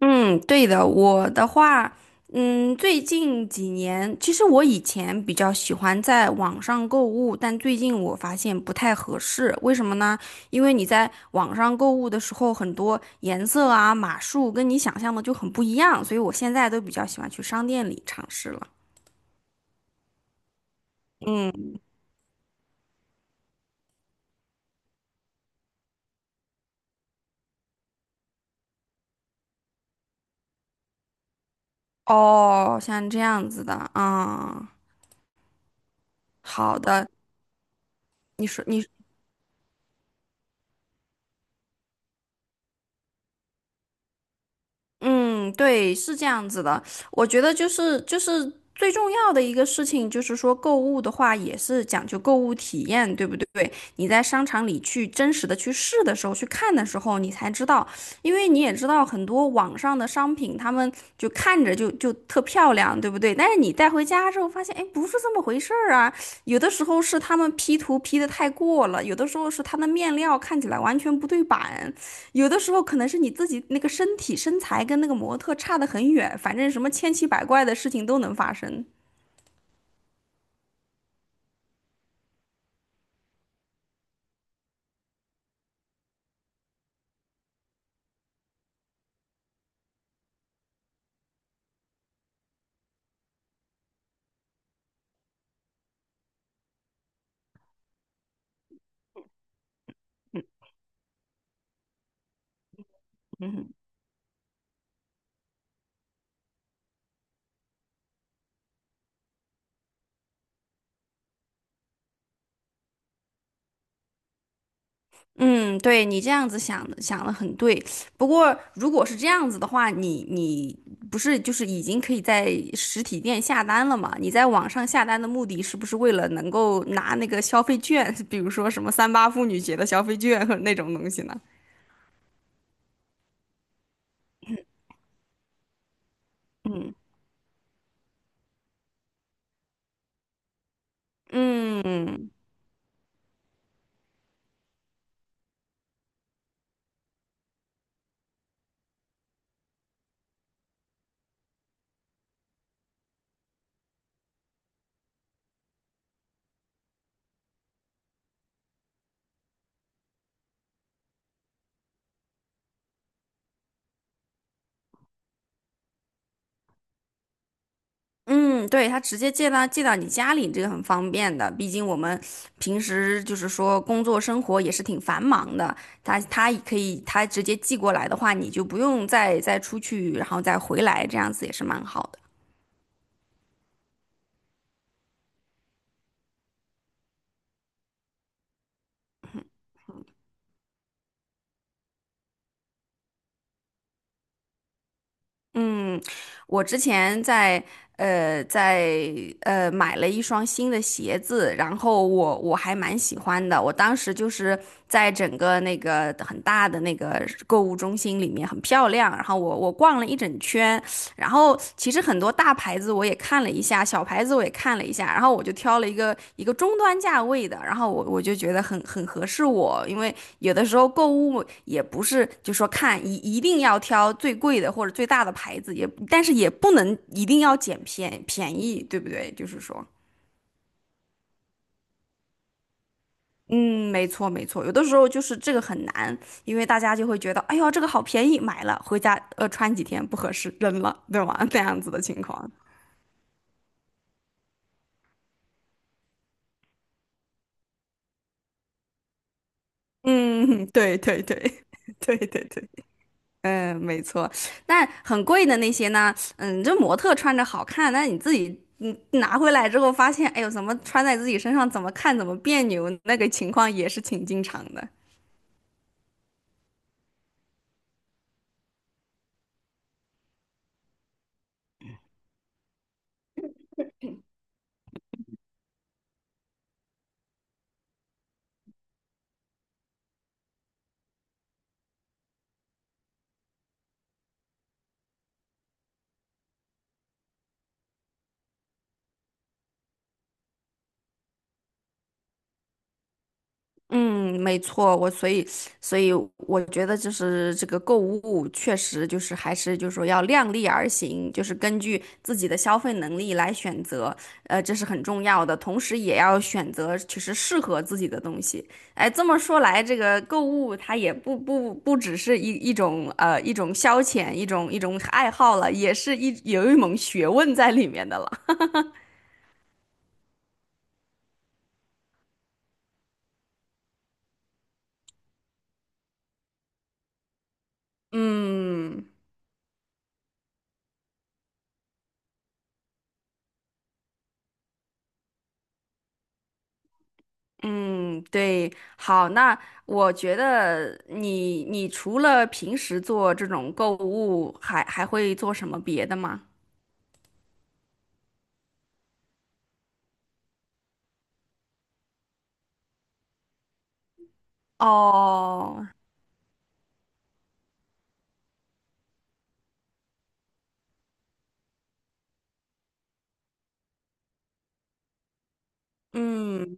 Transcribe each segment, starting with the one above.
嗯，对的，我的话，最近几年，其实我以前比较喜欢在网上购物，但最近我发现不太合适，为什么呢？因为你在网上购物的时候，很多颜色啊、码数跟你想象的就很不一样，所以我现在都比较喜欢去商店里尝试了。嗯，哦，像这样子的，啊，好的，你说你。嗯，对，是这样子的。我觉得就是最重要的一个事情，就是说购物的话也是讲究购物体验，对不对？你在商场里去真实的去试的时候，去看的时候，你才知道，因为你也知道很多网上的商品，他们就看着就特漂亮，对不对？但是你带回家之后发现，哎，不是这么回事儿啊。有的时候是他们 P 图 P 得太过了，有的时候是它的面料看起来完全不对版。有的时候可能是你自己那个身材跟那个模特差得很远，反正什么千奇百怪的事情都能发生。嗯，嗯，对，你这样子想的很对。不过如果是这样子的话，你不是就是已经可以在实体店下单了嘛？你在网上下单的目的是不是为了能够拿那个消费券，比如说什么三八妇女节的消费券和那种东西呢？嗯。嗯，对，他直接寄到你家里，这个很方便的。毕竟我们平时就是说工作生活也是挺繁忙的，他也可以他直接寄过来的话，你就不用再出去，然后再回来，这样子也是蛮好的。嗯，我之前在在买了一双新的鞋子，然后我还蛮喜欢的。我当时就是在整个那个很大的那个购物中心里面很漂亮，然后我逛了一整圈。然后其实很多大牌子我也看了一下，小牌子我也看了一下，然后我就挑了一个中端价位的，然后我就觉得很合适我，因为有的时候购物也不是就说看一定要挑最贵的或者最大的牌子，也但是也不能一定要捡便宜，对不对？就是说。嗯，没错，有的时候就是这个很难，因为大家就会觉得，哎呦，这个好便宜，买了回家穿几天不合适，扔了，对吗？这样子的情况。嗯，对对对 对对对，嗯，没错。但很贵的那些呢，嗯，这模特穿着好看，那你自己拿回来之后发现，哎呦，怎么穿在自己身上怎么看怎么别扭，那个情况也是挺经常的。嗯，没错，我所以所以我觉得就是这个购物确实就是还是就是说要量力而行，就是根据自己的消费能力来选择，这是很重要的，同时也要选择其实适合自己的东西。哎，这么说来，这个购物它也不只是一种一种消遣，一种爱好了，也是有一门学问在里面的了。嗯。嗯，对，好，那我觉得你除了平时做这种购物，还会做什么别的吗？哦，嗯，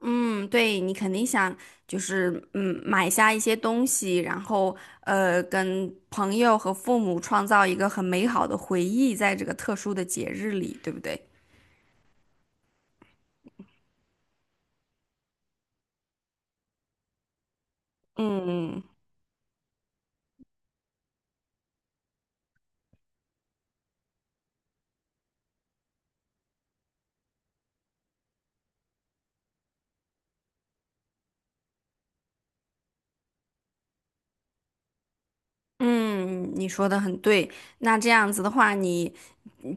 嗯，对，你肯定想就是买下一些东西，然后跟朋友和父母创造一个很美好的回忆，在这个特殊的节日里，对不对？嗯，嗯，你说的很对。那这样子的话，你。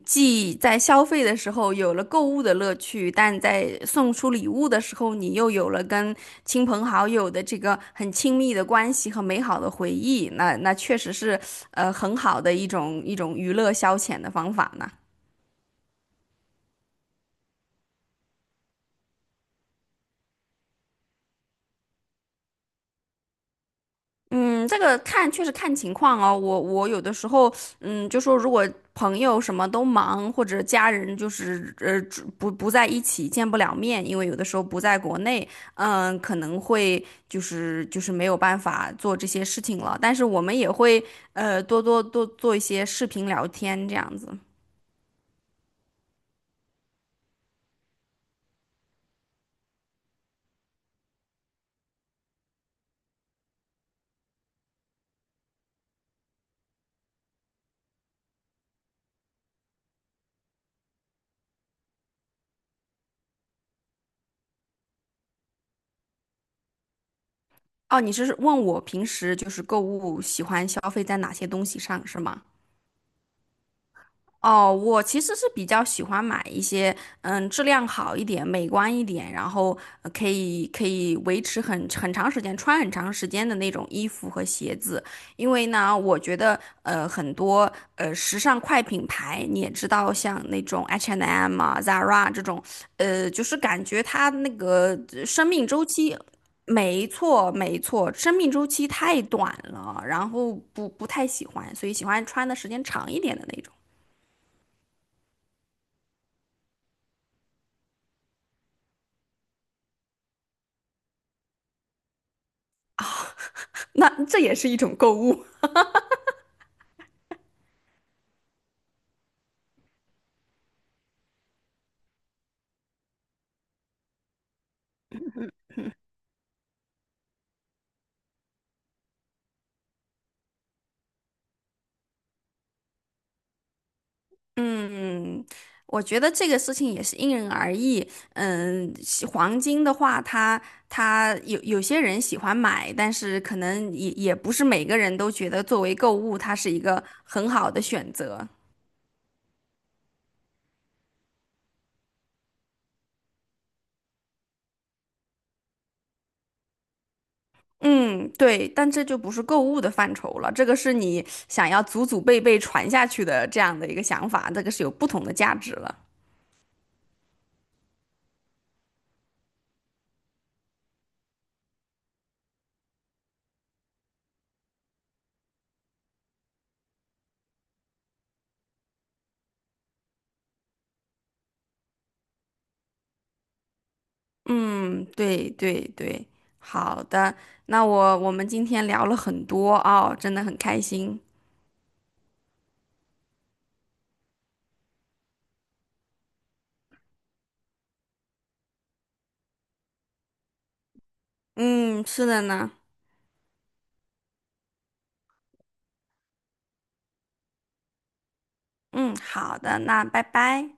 既在消费的时候有了购物的乐趣，但在送出礼物的时候，你又有了跟亲朋好友的这个很亲密的关系和美好的回忆。那那确实是很好的一种娱乐消遣的方法呢。嗯，这个看确实看情况哦。我有的时候，嗯，就说如果朋友什么都忙，或者家人就是只不在一起，见不了面，因为有的时候不在国内，嗯，可能会就是没有办法做这些事情了。但是我们也会多做一些视频聊天这样子。哦，你是问我平时就是购物喜欢消费在哪些东西上是吗？哦，我其实是比较喜欢买一些，嗯，质量好一点、美观一点，然后可以维持很长时间、穿很长时间的那种衣服和鞋子。因为呢，我觉得很多时尚快品牌，你也知道，像那种 H&M 啊、Zara 这种，就是感觉它那个生命周期。没错，没错，生命周期太短了，然后不太喜欢，所以喜欢穿的时间长一点的那种。那这也是一种购物。嗯，我觉得这个事情也是因人而异。嗯，喜黄金的话，它有些人喜欢买，但是可能也不是每个人都觉得作为购物，它是一个很好的选择。嗯，对，但这就不是购物的范畴了，这个是你想要祖祖辈辈传下去的这样的一个想法，这个是有不同的价值了。嗯，对对对，好的，那我们今天聊了很多哦，真的很开心。嗯，是的呢。嗯，好的，那拜拜。